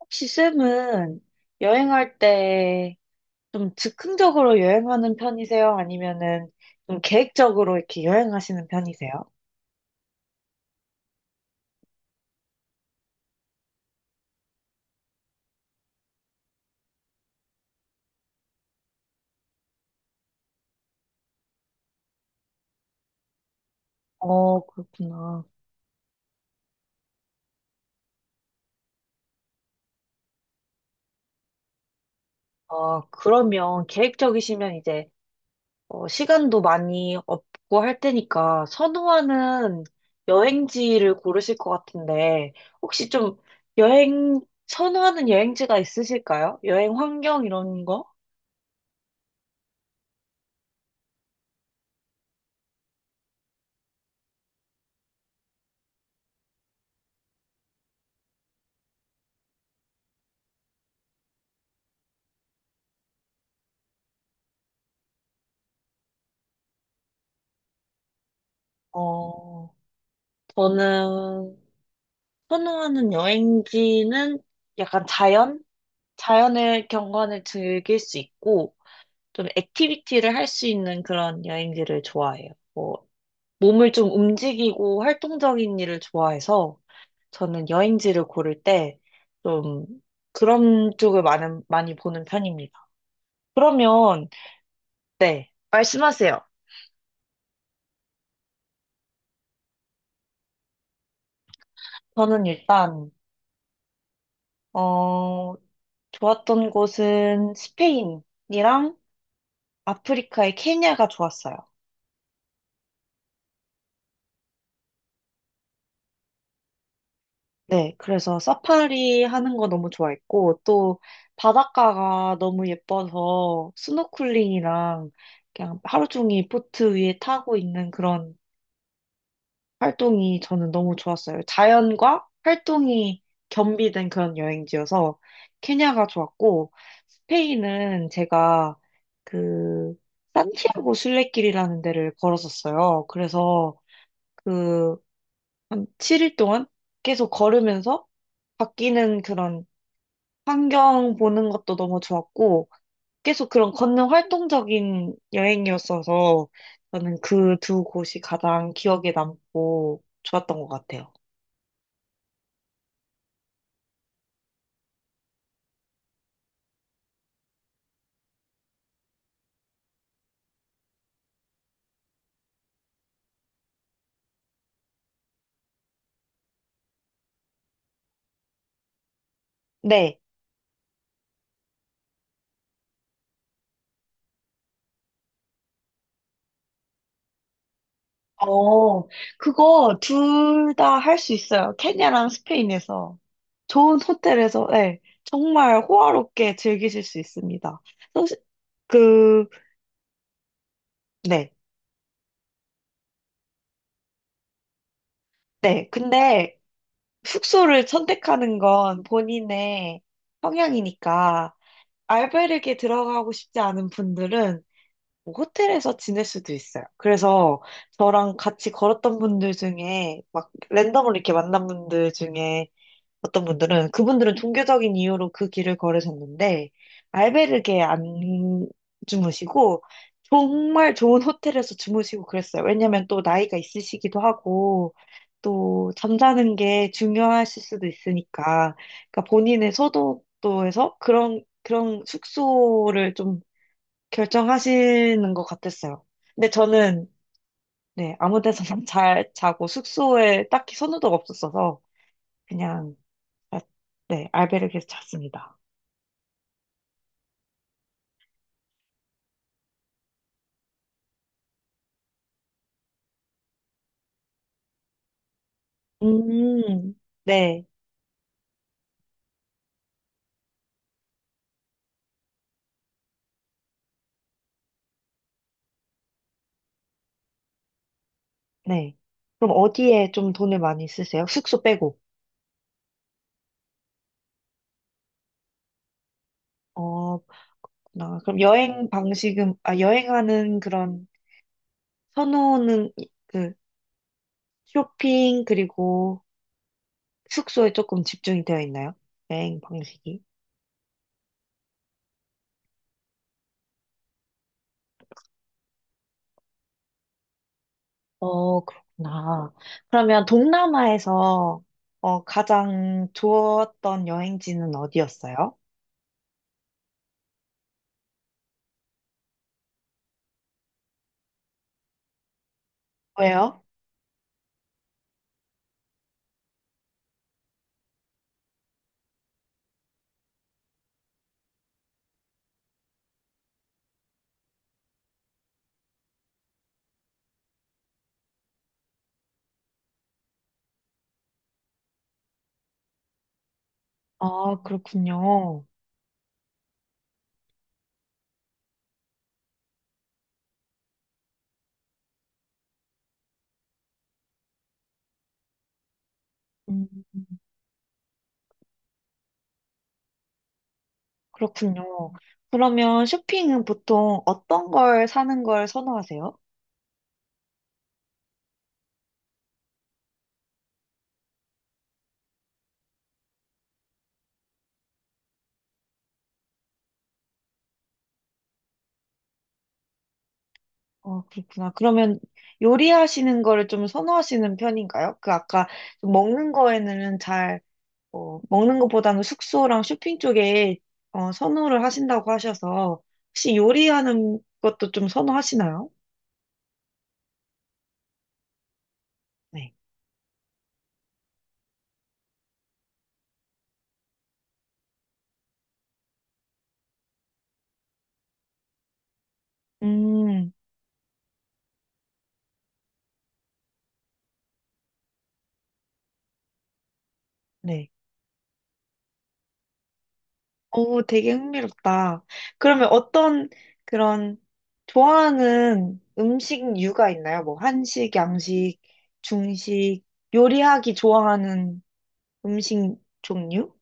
혹시 쌤은 여행할 때 좀 즉흥적으로 여행하는 편이세요? 아니면은 좀 계획적으로 이렇게 여행하시는 편이세요? 그렇구나. 그러면 계획적이시면 이제 시간도 많이 없고 할 테니까 선호하는 여행지를 고르실 것 같은데 혹시 좀 여행, 선호하는 여행지가 있으실까요? 여행 환경 이런 거? 어, 저는 선호하는 여행지는 약간 자연? 자연의 경관을 즐길 수 있고, 좀 액티비티를 할 수 있는 그런 여행지를 좋아해요. 뭐, 몸을 좀 움직이고 활동적인 일을 좋아해서, 저는 여행지를 고를 때, 좀, 그런 쪽을 많이 보는 편입니다. 그러면, 네, 말씀하세요. 저는 일단, 어, 좋았던 곳은 스페인이랑 아프리카의 케냐가 좋았어요. 네, 그래서 사파리 하는 거 너무 좋아했고, 또 바닷가가 너무 예뻐서 스노클링이랑 그냥 하루 종일 보트 위에 타고 있는 그런 활동이 저는 너무 좋았어요. 자연과 활동이 겸비된 그런 여행지여서 케냐가 좋았고, 스페인은 제가 그 산티아고 순례길이라는 데를 걸었었어요. 그래서 그 한 7일 동안 계속 걸으면서 바뀌는 그런 환경 보는 것도 너무 좋았고, 계속 그런 걷는 활동적인 여행이었어서, 저는 그 두 곳이 가장 기억에 남고 좋았던 것 같아요. 네. 어, 그거 둘 다 할 수 있어요. 케냐랑 스페인에서. 좋은 호텔에서, 네. 정말 호화롭게 즐기실 수 있습니다. 사실 그, 네. 네. 근데 숙소를 선택하는 건 본인의 성향이니까, 알바르기에 들어가고 싶지 않은 분들은 뭐 호텔에서 지낼 수도 있어요. 그래서 저랑 같이 걸었던 분들 중에 막 랜덤으로 이렇게 만난 분들 중에 어떤 분들은 그분들은 종교적인 이유로 그 길을 걸으셨는데 알베르게 안 주무시고 정말 좋은 호텔에서 주무시고 그랬어요. 왜냐면 또 나이가 있으시기도 하고 또 잠자는 게 중요하실 수도 있으니까 그러니까 본인의 소득도에서 그런 숙소를 좀 결정하시는 것 같았어요. 근데 저는 네, 아무 데서나 잘 자고 숙소에 딱히 선호도가 없었어서 그냥 아, 네, 알베르기에서 잤습니다. 음, 네. 네. 그럼 어디에 좀 돈을 많이 쓰세요? 숙소 빼고. 어, 그렇구나. 그럼 여행 방식은, 아, 여행하는 그런 선호는 그 쇼핑 그리고 숙소에 조금 집중이 되어 있나요? 여행 방식이. 그렇구나. 그러면 동남아에서 가장 좋았던 여행지는 어디였어요? 왜요? 아, 그렇군요. 음. 그렇군요. 그러면 쇼핑은 보통 어떤 걸 사는 걸 선호하세요? 그렇구나. 그러면 요리하시는 거를 좀 선호하시는 편인가요? 그 아까 좀 먹는 거에는 잘, 먹는 것보다는 숙소랑 쇼핑 쪽에 선호를 하신다고 하셔서 혹시 요리하는 것도 좀 선호하시나요? 네. 음, 네. 오, 되게 흥미롭다. 그러면 어떤 그런 좋아하는 음식 류가 있나요? 뭐 한식, 양식, 중식, 요리하기 좋아하는 음식 종류?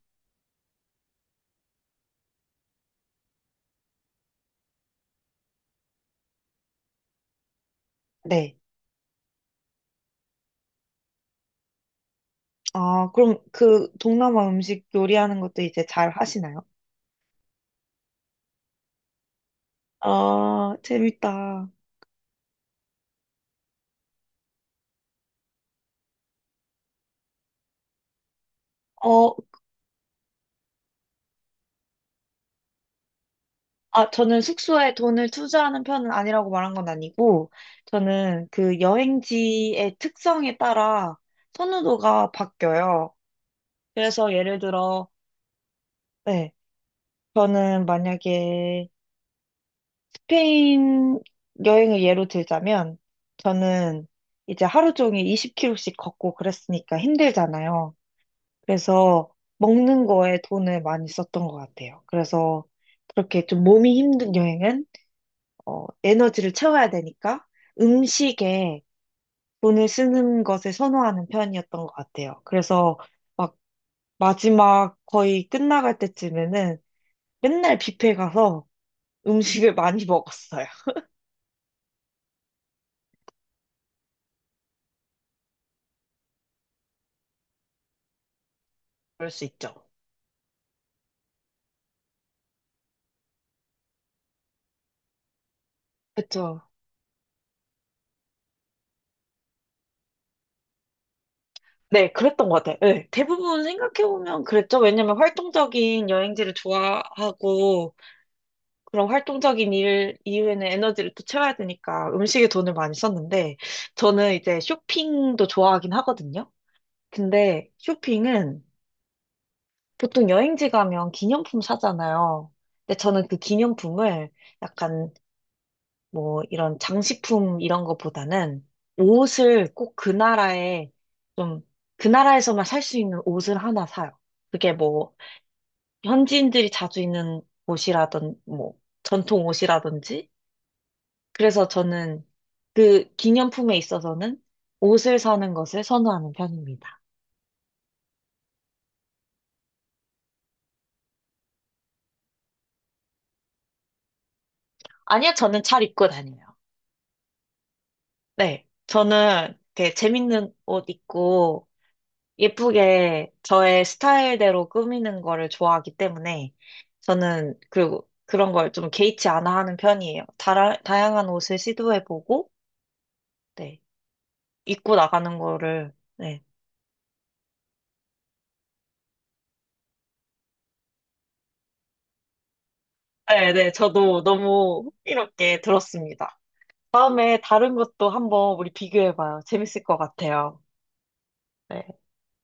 네. 아, 그럼 그 동남아 음식 요리하는 것도 이제 잘 하시나요? 아, 재밌다. 어, 아, 저는 숙소에 돈을 투자하는 편은 아니라고 말한 건 아니고, 저는 그 여행지의 특성에 따라 선호도가 바뀌어요. 그래서 예를 들어, 네, 저는 만약에 스페인 여행을 예로 들자면, 저는 이제 하루 종일 20km씩 걷고 그랬으니까 힘들잖아요. 그래서 먹는 거에 돈을 많이 썼던 것 같아요. 그래서 그렇게 좀 몸이 힘든 여행은, 에너지를 채워야 되니까 음식에 돈을 쓰는 것을 선호하는 편이었던 것 같아요. 그래서 막 마지막 거의 끝나갈 때쯤에는 맨날 뷔페 가서 음식을 많이 먹었어요. 그럴 수 있죠. 그쵸. 네, 그랬던 것 같아요. 네, 대부분 생각해보면 그랬죠. 왜냐면 활동적인 여행지를 좋아하고, 그런 활동적인 일 이후에는 에너지를 또 채워야 되니까 음식에 돈을 많이 썼는데, 저는 이제 쇼핑도 좋아하긴 하거든요. 근데 쇼핑은 보통 여행지 가면 기념품 사잖아요. 근데 저는 그 기념품을 약간 뭐 이런 장식품 이런 거보다는 옷을 꼭 그 나라에 좀 그 나라에서만 살 수 있는 옷을 하나 사요. 그게 뭐 현지인들이 자주 입는 옷이라든 뭐 전통 옷이라든지 그래서 저는 그 기념품에 있어서는 옷을 사는 것을 선호하는 편입니다. 아니요, 저는 잘 입고 다녀요. 네, 저는 되게 재밌는 옷 입고 예쁘게 저의 스타일대로 꾸미는 거를 좋아하기 때문에 저는 그리고 그런 걸 좀 개의치 않아 하는 편이에요. 다양한 옷을 시도해보고 네, 입고 나가는 거를 네. 네, 네, 저도 너무 흥미롭게 들었습니다. 다음에 다른 것도 한번 우리 비교해봐요. 재밌을 것 같아요. 네.